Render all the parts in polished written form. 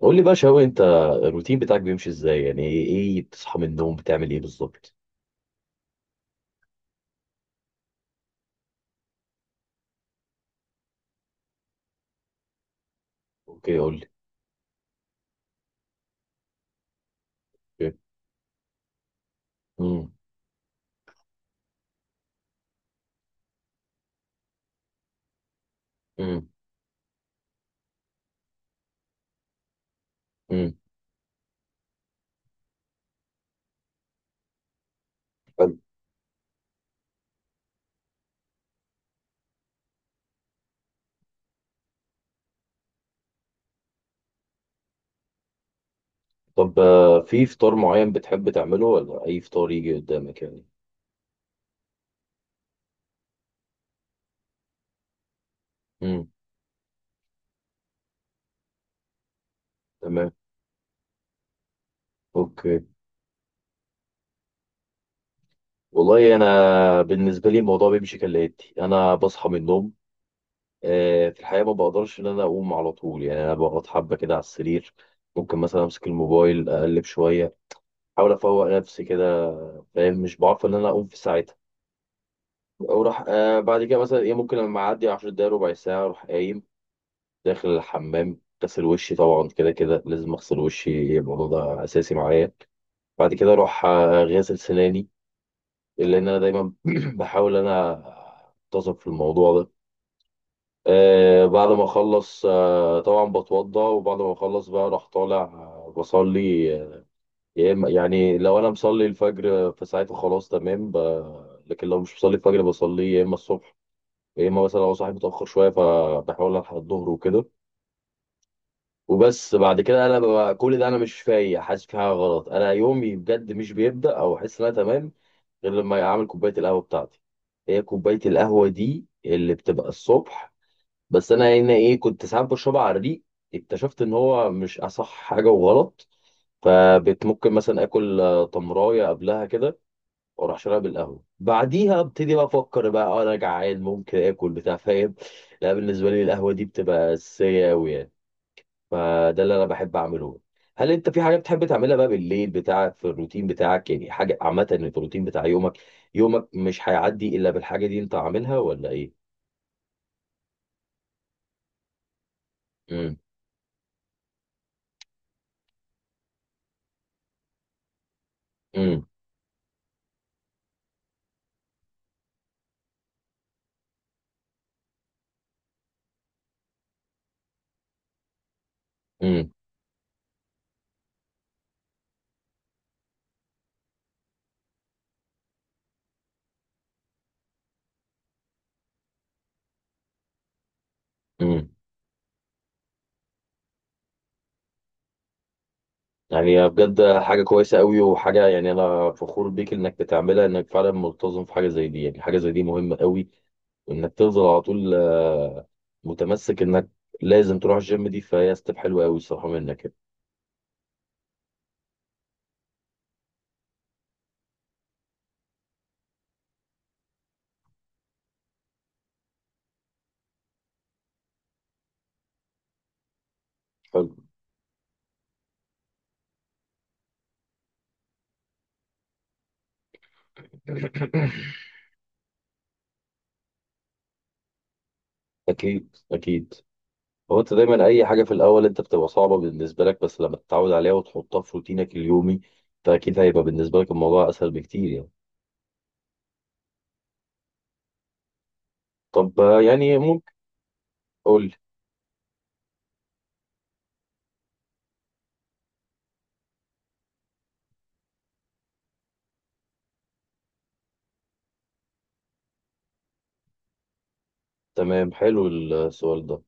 قول لي بقى شوقي انت، الروتين بتاعك بيمشي ازاي؟ يعني ايه بتصحى من النوم؟ بتعمل ايه بالظبط؟ اوكي قول لي. اوكي. امم امم امم حلو. طب في فطار معين بتحب تعمله ولا اي فطار يجي قدامك يعني؟ امم تمام. اوكي. والله انا بالنسبه لي الموضوع بيمشي كالاتي. انا بصحى من النوم، في الحقيقه ما بقدرش ان انا اقوم على طول، يعني انا بقعد حبه كده على السرير، ممكن مثلا امسك الموبايل اقلب شويه، احاول افوق نفسي كده، فاهم، مش بعرف ان انا اقوم في ساعتها. وراح بعد كده مثلا ايه، ممكن لما اعدي 10 دقايق ربع ساعه اروح قايم داخل الحمام غسل وشي. طبعا كده كده لازم اغسل وشي، الموضوع ده اساسي معايا. بعد كده اروح غاسل سناني، لان انا دايما بحاول انتظم في الموضوع ده. بعد ما اخلص طبعا بتوضى، وبعد ما اخلص بقى اروح طالع بصلي. يعني لو انا مصلي الفجر فساعتها خلاص تمام. لكن لو مش مصلي الفجر بصلي يا اما الصبح، يا اما مثلا لو صاحي متاخر شويه فبحاول الحق الظهر وكده. وبس. بعد كده انا ببقى كل ده انا مش فايق، حاسس في حاجه غلط، انا يومي بجد مش بيبدا او احس ان انا تمام غير لما اعمل كوبايه القهوه بتاعتي. هي كوبايه القهوه دي اللي بتبقى الصبح. بس انا هنا ايه، كنت ساعات بشربها على الريق، اكتشفت ان هو مش اصح حاجه وغلط، فممكن مثلا اكل تمرايه قبلها كده، واروح شارب القهوه بعديها، ابتدي بقى افكر بقى انا جعان، ممكن اكل بتاع، فاهم. لا بالنسبه لي القهوه دي بتبقى اساسيه قوي يعني. فده اللي انا بحب اعمله. هل انت في حاجه بتحب تعملها بقى بالليل بتاعك في الروتين بتاعك؟ يعني حاجه عامه في الروتين بتاع يومك، يومك مش هيعدي الا بالحاجه دي انت عاملها، ولا ايه؟ امم امم امم امم يعني بجد حاجه كويسه قوي، وحاجه يعني انا فخور بيك انك بتعملها، انك فعلا ملتزم في حاجه زي دي. يعني حاجه زي دي مهمه قوي، وانك تفضل على طول متمسك انك لازم تروح الجيم دي، فهي ستيب حلوه قوي الصراحه منك يعني. حلو. اكيد اكيد. هو انت دايما اي حاجه في الاول انت بتبقى صعبه بالنسبه لك، بس لما تتعود عليها وتحطها في روتينك اليومي فاكيد هيبقى بالنسبه لك الموضوع اسهل بكتير يعني. طب يعني ممكن، قول لي. تمام، حلو السؤال ده.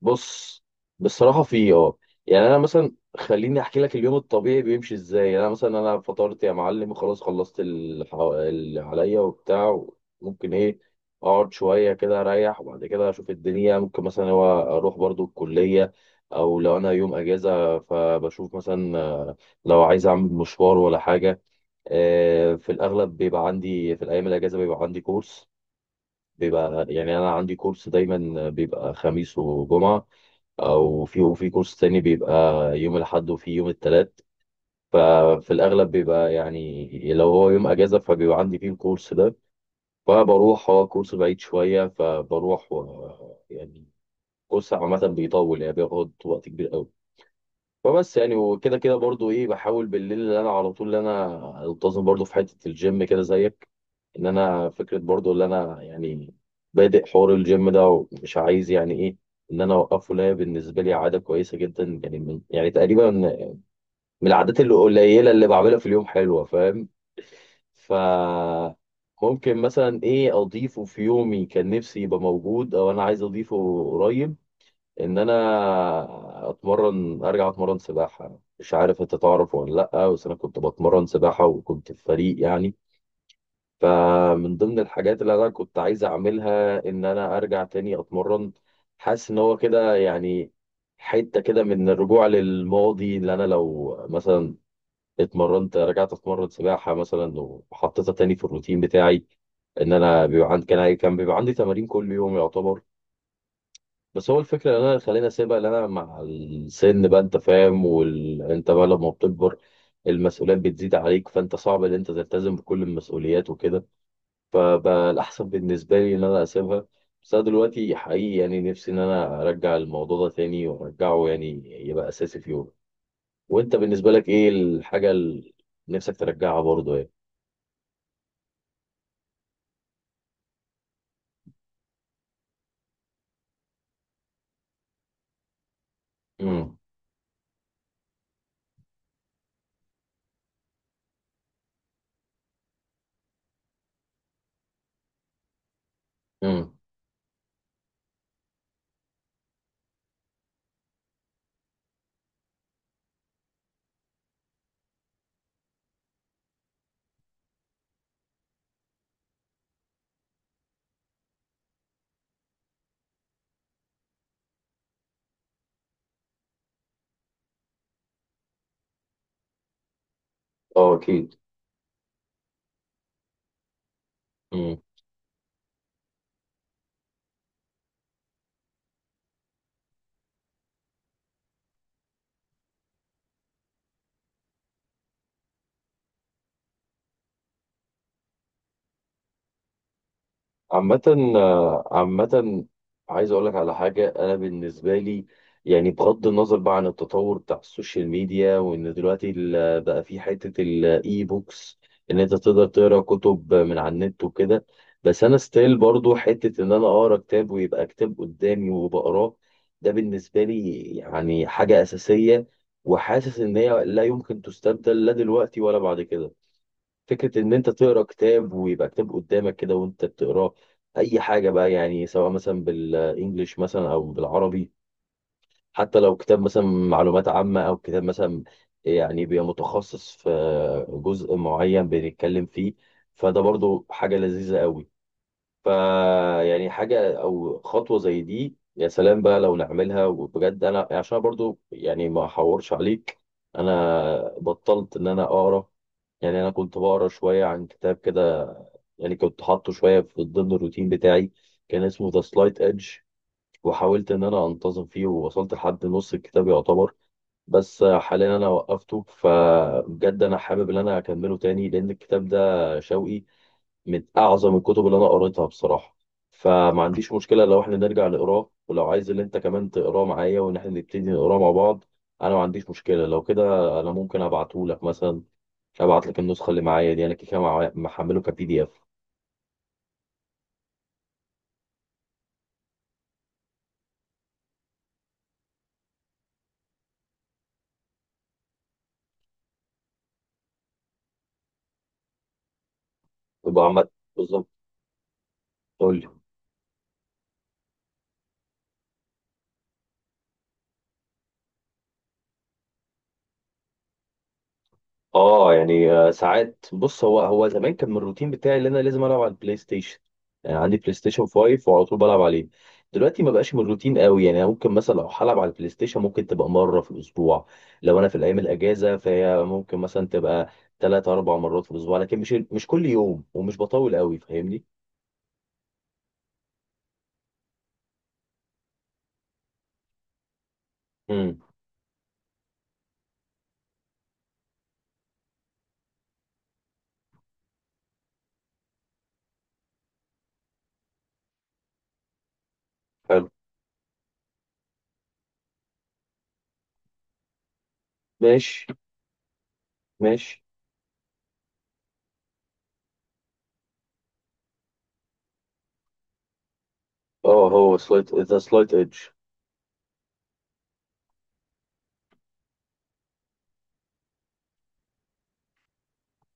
بص، بصراحة في يعني أنا مثلا خليني أحكي لك اليوم الطبيعي بيمشي إزاي. يعني أنا مثلا أنا فطرت يا معلم وخلاص خلصت اللي عليا وبتاع، ممكن إيه، أقعد شوية كده أريح، وبعد كده أشوف الدنيا، ممكن مثلا هو أروح برضو الكلية، أو لو أنا يوم أجازة فبشوف مثلا لو عايز أعمل مشوار ولا حاجة. في الأغلب بيبقى عندي في الأيام الأجازة بيبقى عندي كورس، بيبقى يعني أنا عندي كورس دايما بيبقى خميس وجمعة، او في وفي كورس تاني بيبقى يوم الاحد وفي يوم التلات. ففي الاغلب بيبقى يعني لو هو يوم اجازه فبيبقى عندي فيه الكورس ده، فبروح. هو كورس بعيد شويه فبروح و، يعني كورس عامه بيطول يعني بياخد وقت كبير قوي. وبس يعني. وكده كده برضو ايه، بحاول بالليل اللي انا على طول اللي انا التزم برضو في حته الجيم كده زيك، ان انا فكره برضو اللي انا يعني بادئ حوار الجيم ده ومش عايز يعني ايه ان انا اوقفه، لا بالنسبه لي عاده كويسه جدا يعني، من يعني تقريبا من العادات القليله اللي بعملها في اليوم حلوه، فاهم. ف ممكن مثلا ايه اضيفه في يومي كان نفسي يبقى موجود او انا عايز اضيفه قريب، ان انا اتمرن ارجع اتمرن سباحه، مش عارف انت تعرف ولا لا، بس انا كنت بتمرن سباحه وكنت في فريق يعني. فمن ضمن الحاجات اللي انا كنت عايز اعملها ان انا ارجع تاني اتمرن. حاسس ان هو كده يعني حته كده من الرجوع للماضي، اللي انا لو مثلا اتمرنت رجعت اتمرن سباحه مثلا وحطيتها تاني في الروتين بتاعي، ان انا بيبقى عندي كان بيبقى عندي تمارين كل يوم يعتبر. بس هو الفكرة اللي أنا خليني أسيبها، اللي أنا مع السن بقى أنت فاهم أنت بقى لما بتكبر المسؤوليات بتزيد عليك فأنت صعب إن أنت تلتزم بكل المسؤوليات وكده. فبقى الأحسن بالنسبة لي إن أنا أسيبها، بس أنا دلوقتي حقيقي يعني نفسي إن أنا أرجع الموضوع ده تاني وأرجعه يعني يبقى أساسي في يومي. وأنت بالنسبة لك إيه الحاجة اللي نفسك ترجعها برضه يعني؟ امم امم أه أكيد. عامة، عامة، عايز أقول لك على حاجة. أنا بالنسبة لي يعني بغض النظر بقى عن التطور بتاع السوشيال ميديا، وإن دلوقتي بقى في حتة الإي بوكس إن أنت تقدر تقرأ كتب من على النت وكده، بس أنا ستيل برضو حتة إن أنا أقرأ كتاب ويبقى كتاب قدامي وبقراه. ده بالنسبة لي يعني حاجة أساسية، وحاسس إن هي لا يمكن تستبدل لا دلوقتي ولا بعد كده، فكرة إن أنت تقرأ كتاب ويبقى كتاب قدامك كده وأنت بتقراه. أي حاجة بقى يعني، سواء مثلا بالإنجليش مثلا أو بالعربي، حتى لو كتاب مثلا معلومات عامة، أو كتاب مثلا يعني بيبقى متخصص في جزء معين بنتكلم فيه، فده برضو حاجة لذيذة قوي. فيعني حاجة أو خطوة زي دي يا سلام بقى لو نعملها. وبجد أنا عشان برضو يعني ما أحورش عليك، أنا بطلت إن أنا أقرأ. يعني أنا كنت بقرا شوية عن كتاب كده، يعني كنت حاطه شوية في ضمن الروتين بتاعي، كان اسمه ذا سلايت ايدج، وحاولت إن أنا أنتظم فيه ووصلت لحد نص الكتاب يعتبر، بس حاليا أنا وقفته. فبجد أنا حابب إن أنا أكمله تاني لأن الكتاب ده شوقي من أعظم الكتب اللي أنا قريتها بصراحة. فما عنديش مشكلة لو إحنا نرجع نقراه، ولو عايز إن أنت كمان تقراه معايا وإن إحنا نبتدي نقراه مع بعض أنا ما عنديش مشكلة لو كده. أنا ممكن أبعتهولك مثلا، ابعت لك النسخه اللي معايا دي، انا كده كده محمله كبي دي اف. يبقى عمال، بالظبط، قول لي. اه يعني ساعات. بص، هو زمان كان من الروتين بتاعي ان انا لازم العب على البلاي ستيشن، يعني عندي بلاي ستيشن 5 وعلى طول بلعب عليه. دلوقتي ما بقاش من الروتين قوي يعني، أنا ممكن مثلا لو هلعب على البلاي ستيشن ممكن تبقى مره في الاسبوع، لو انا في الايام الاجازه فهي ممكن مثلا تبقى 3 4 مرات في الاسبوع، لكن مش كل يوم ومش بطول قوي فاهمني. امم حلو. ماشي، ماشي. اه هو سلايت، ذا سلايت ايدج.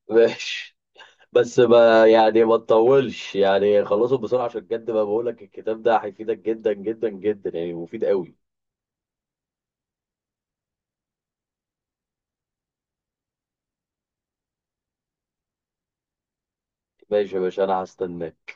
ماشي، بس ما يعني ما تطولش يعني، خلصه بسرعة عشان بجد ما بقول لك الكتاب ده هيفيدك جدا جدا جدا يعني، مفيد قوي. ماشي يا باشا، انا هستناك.